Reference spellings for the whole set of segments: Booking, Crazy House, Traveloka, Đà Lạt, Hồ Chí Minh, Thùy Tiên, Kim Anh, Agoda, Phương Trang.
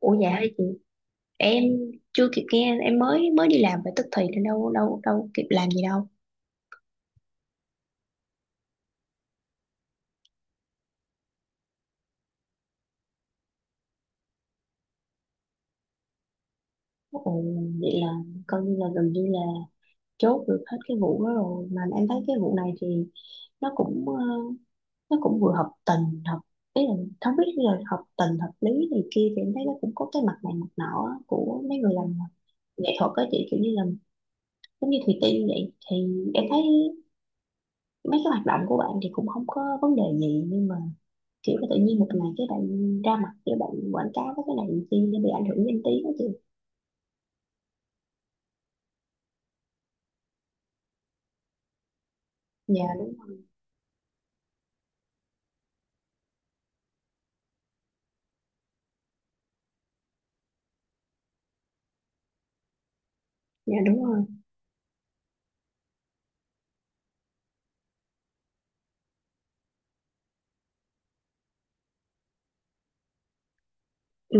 Ủa dạ hả? Em chưa kịp nghe, em mới mới đi làm phải tức thì nên đâu đâu đâu kịp làm gì đâu. Ồ, vậy là coi như là gần như là chốt được hết cái vụ đó rồi. Mà em thấy cái vụ này thì nó cũng nó cũng vừa hợp tình hợp, ý là không biết là hợp tình hợp lý này kia, thì em thấy nó cũng có cái mặt này mặt nọ á, của mấy người làm nghệ thuật á chị, kiểu như là giống như Thùy Tiên vậy. Thì em thấy mấy cái hoạt động của bạn thì cũng không có vấn đề gì, nhưng mà kiểu tự nhiên một ngày cái bạn ra mặt, cái bạn quảng cáo với cái này làm chi nó bị ảnh hưởng danh tiếng đó chị. Dạ đúng. Dạ đúng rồi.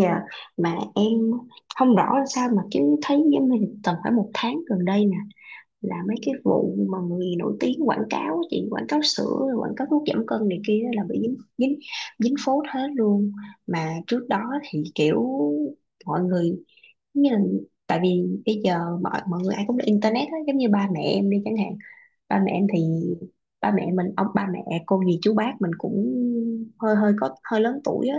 Dạ, mà em không rõ là sao, mà chứ thấy giống như tầm phải một tháng gần đây nè, là mấy cái vụ mà người nổi tiếng quảng cáo á chị, quảng cáo sữa rồi quảng cáo thuốc giảm cân này kia á, là bị dính dính dính phốt hết luôn. Mà trước đó thì kiểu mọi người giống như là, tại vì bây giờ mọi mọi người ai cũng là internet hết, giống như ba mẹ em đi chẳng hạn, ba mẹ em thì ba mẹ mình, ông ba mẹ cô dì chú bác mình cũng hơi hơi có hơi lớn tuổi á,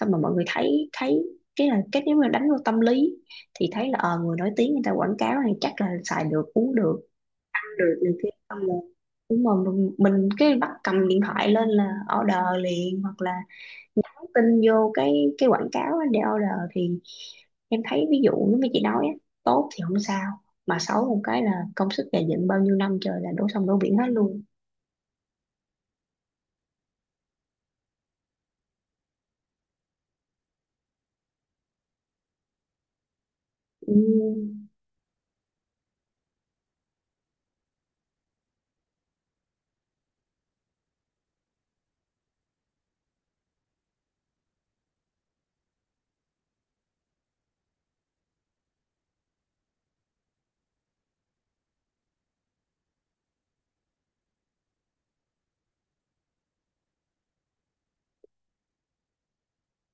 xong mà mọi người thấy thấy cái là cái nếu mà đánh vô tâm lý thì thấy là người nổi tiếng người ta quảng cáo này chắc là xài được, uống được, ăn được này kia. Xong rồi đúng rồi mình cái bắt cầm điện thoại lên là order liền, hoặc là nhắn tin vô cái quảng cáo á để order. Thì em thấy ví dụ như mấy chị nói á, tốt thì không sao, mà xấu một cái là công sức gầy dựng bao nhiêu năm trời là đổ sông đổ biển hết luôn. Ừ,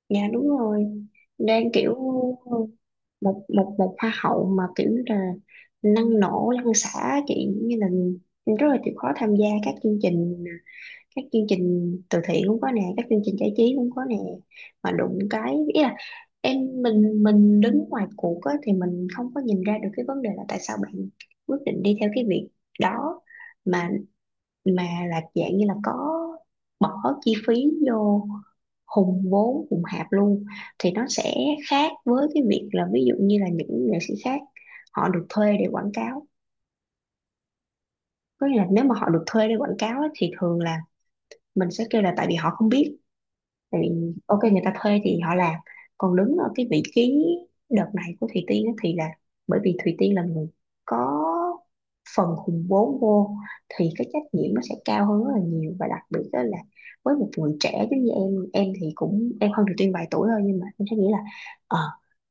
dạ đúng rồi, đang kiểu một một một hoa hậu mà kiểu như là năng nổ lăn xả chị, như là rất là chịu khó tham gia các chương trình, các chương trình từ thiện cũng có nè, các chương trình giải trí cũng có nè. Mà đụng cái, ý là em mình đứng ngoài cuộc á, thì mình không có nhìn ra được cái vấn đề là tại sao bạn quyết định đi theo cái việc đó. Mà mà là dạng như là có bỏ chi phí vô, hùng vốn hùng hạp luôn, thì nó sẽ khác với cái việc là ví dụ như là những nghệ sĩ khác họ được thuê để quảng cáo. Có nghĩa là nếu mà họ được thuê để quảng cáo á, thì thường là mình sẽ kêu là tại vì họ không biết, thì ok người ta thuê thì họ làm. Còn đứng ở cái vị trí đợt này của Thùy Tiên á, thì là bởi vì Thùy Tiên là người có phần hùn vốn vô, thì cái trách nhiệm nó sẽ cao hơn rất là nhiều. Và đặc biệt đó là với một người trẻ giống như em, thì cũng em hơn Thùy Tiên vài tuổi thôi, nhưng mà em sẽ nghĩ là ờ,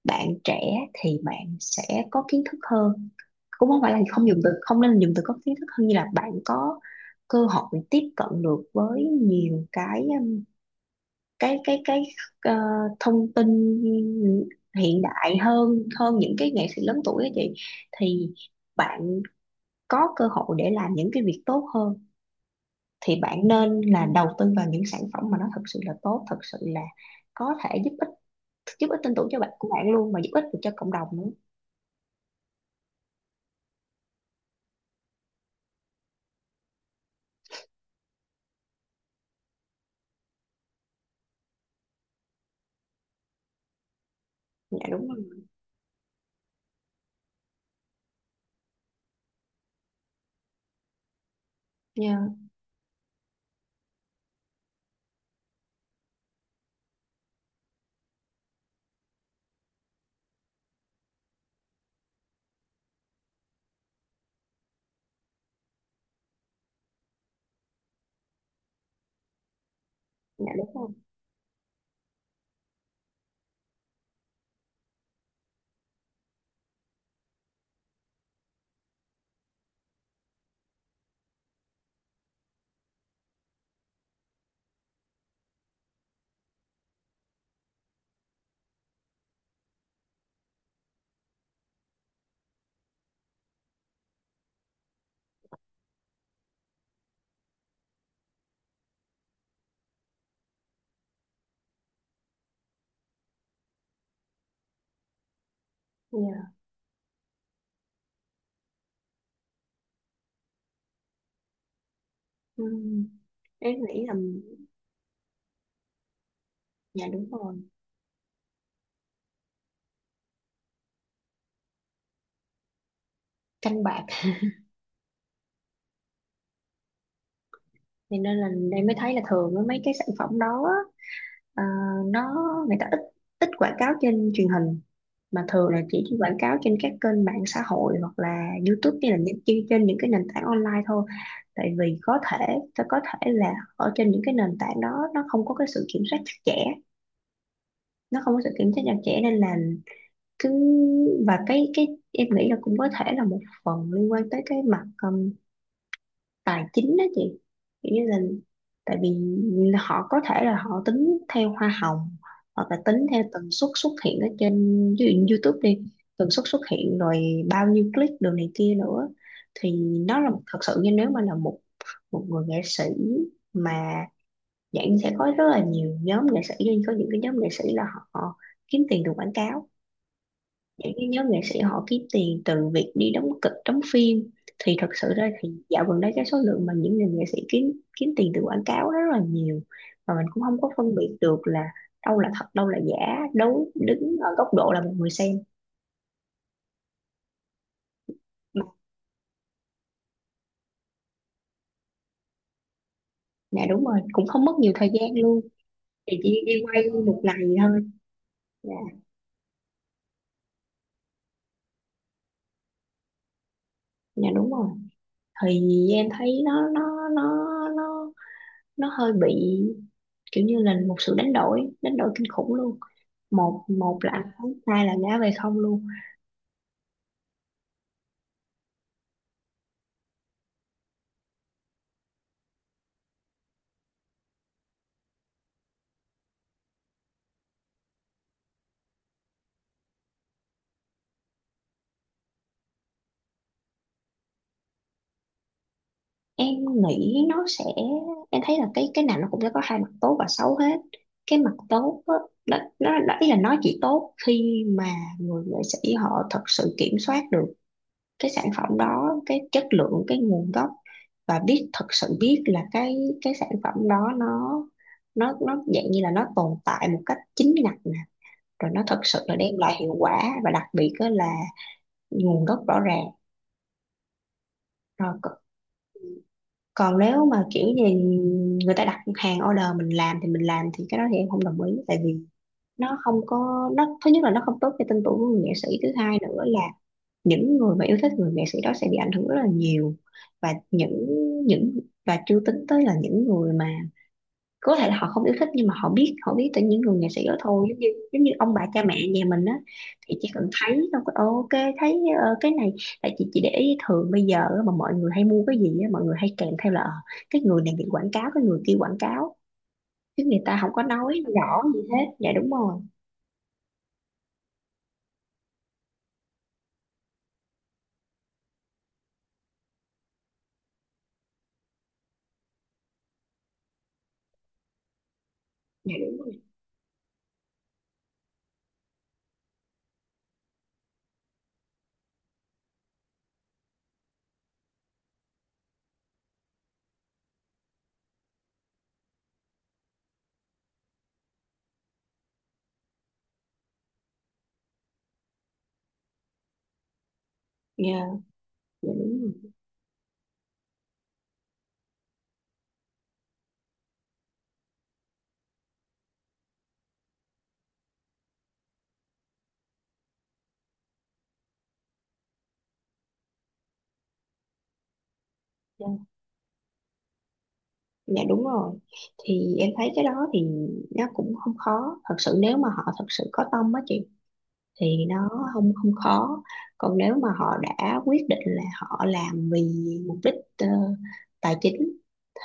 bạn trẻ thì bạn sẽ có kiến thức hơn, cũng không phải là không dùng từ, không nên dùng từ có kiến thức hơn, như là bạn có cơ hội tiếp cận được với nhiều cái cái cái cái ờ, thông tin hiện đại hơn, hơn những cái nghệ sĩ lớn tuổi á chị. Thì bạn có cơ hội để làm những cái việc tốt hơn, thì bạn nên là đầu tư vào những sản phẩm mà nó thật sự là tốt, thật sự là có thể giúp ích, giúp ích tin tưởng cho bạn của bạn luôn, mà giúp ích được cho cộng đồng nữa. Dạ đúng rồi. Dạ. Dạ đúng rồi. Dạ. Ừm, em nghĩ là dạ đúng rồi, canh bạc. Thì nên là em mới thấy là thường á, mấy cái sản phẩm đó á, Ờ, nó người ta ít, quảng cáo trên truyền hình, mà thường là chỉ quảng cáo trên các kênh mạng xã hội, hoặc là YouTube, hay là những trên những cái nền tảng online thôi. Tại vì có thể sẽ có thể là ở trên những cái nền tảng đó nó không có cái sự kiểm soát chặt chẽ, nó không có sự kiểm soát chặt chẽ nên là cứ. Và cái em nghĩ là cũng có thể là một phần liên quan tới cái mặt tài chính đó chị, kiểu như là tại vì họ có thể là họ tính theo hoa hồng, hoặc là tính theo tần suất xuất hiện ở trên, ví dụ như YouTube đi, tần suất xuất hiện rồi bao nhiêu click đồ này kia nữa. Thì nó là thật sự như nếu mà là một một người nghệ sĩ mà, dạng sẽ có rất là nhiều nhóm nghệ sĩ, nhưng có những cái nhóm nghệ sĩ là họ kiếm tiền từ quảng cáo, những cái nhóm nghệ sĩ họ kiếm tiền từ việc đi đóng kịch đóng phim. Thì thật sự ra thì dạo gần đây cái số lượng mà những người nghệ sĩ kiếm kiếm tiền từ quảng cáo rất là nhiều, và mình cũng không có phân biệt được là đâu là thật đâu là giả, đấu đứng ở góc độ là một người xem mà. Dạ đúng rồi, cũng không mất nhiều thời gian luôn. Thì chỉ đi quay một ngày thôi. Dạ. Dạ đúng rồi. Thì em thấy nó nó hơi bị kiểu như là một sự đánh đổi, đánh đổi kinh khủng luôn. Một một là ăn không, hai là ngã về không luôn. Em nghĩ nó sẽ, em thấy là cái nào nó cũng sẽ có hai mặt tốt và xấu hết. Cái mặt tốt á, đó, nó đó, ý là nó chỉ tốt khi mà người nghệ sĩ họ thật sự kiểm soát được cái sản phẩm đó, cái chất lượng, cái nguồn gốc, và biết thật sự, biết là cái sản phẩm đó nó dạng như là nó tồn tại một cách chính ngạch nè, rồi nó thật sự là đem lại hiệu quả, và đặc biệt á là nguồn gốc rõ ràng, rồi còn nếu mà kiểu gì người ta đặt hàng order mình làm thì mình làm, thì cái đó thì em không đồng ý. Tại vì nó không có nó, thứ nhất là nó không tốt cho tên tuổi của người nghệ sĩ, thứ hai nữa là những người mà yêu thích người nghệ sĩ đó sẽ bị ảnh hưởng rất là nhiều. Và những và chưa tính tới là những người mà có thể là họ không yêu thích, nhưng mà họ biết, họ biết từ những người nghệ sĩ đó thôi, giống như ông bà cha mẹ nhà mình á. Thì chỉ cần thấy xong cái ok, thấy cái này tại chị để ý thường bây giờ á, mà mọi người hay mua cái gì á, mọi người hay kèm theo là cái người này bị quảng cáo, cái người kia quảng cáo, chứ người ta không có nói rõ gì hết. Dạ đúng rồi. Dạ đúng rồi. Dạ. Dạ đúng rồi. Dạ. Dạ, đúng rồi. Thì em thấy cái đó thì nó cũng không khó, thật sự nếu mà họ thật sự có tâm á chị, thì nó không không khó. Còn nếu mà họ đã quyết định là họ làm vì mục đích tài chính,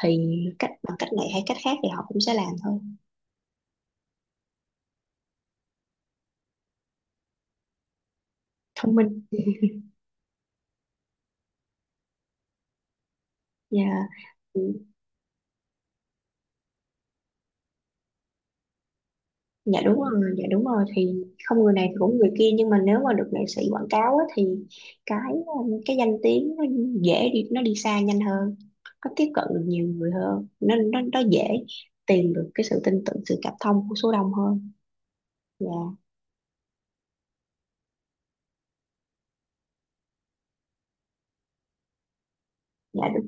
thì cách, bằng cách này hay cách khác thì họ cũng sẽ làm thôi. Thông minh. Dạ. Ừ, dạ đúng rồi. Dạ đúng rồi, thì không người này thì cũng người kia, nhưng mà nếu mà được nghệ sĩ quảng cáo á, thì cái danh tiếng nó dễ đi, nó đi xa nhanh hơn, nó tiếp cận được nhiều người hơn, nó dễ tìm được cái sự tin tưởng, sự cảm thông của số đông hơn. Dạ. Dạ đúng.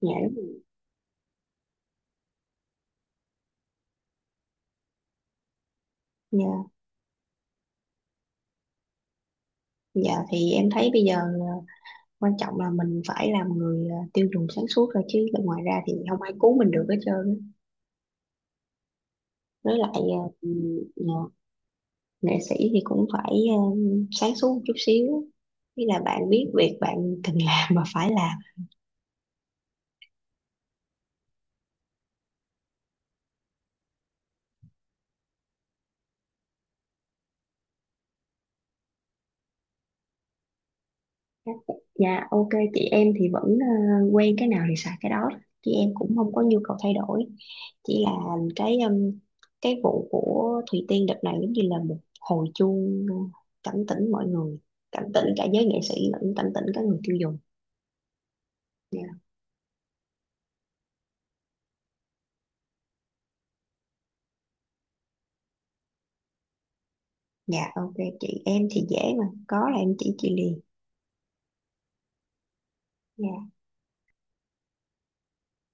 Dạ đúng. Dạ. Dạ thì em thấy bây giờ, quan trọng là mình phải làm người à, tiêu dùng sáng suốt rồi, chứ bên ngoài ra thì không ai cứu mình được hết trơn á. Với lại à, ừ, nghệ sĩ thì cũng phải à, sáng suốt một chút xíu. Ý là bạn biết việc bạn cần làm mà phải làm. Dạ ok, chị em thì vẫn quen cái nào thì xài cái đó, chị em cũng không có nhu cầu thay đổi, chỉ là cái um, cái vụ của Thùy Tiên đợt này giống như là một hồi chuông cảnh tỉnh mọi người, cảnh tỉnh cả giới nghệ sĩ, lẫn cảnh tỉnh cả người tiêu dùng. Dạ. Dạ, ok, chị em thì dễ mà, có là em chỉ chị liền. Dạ.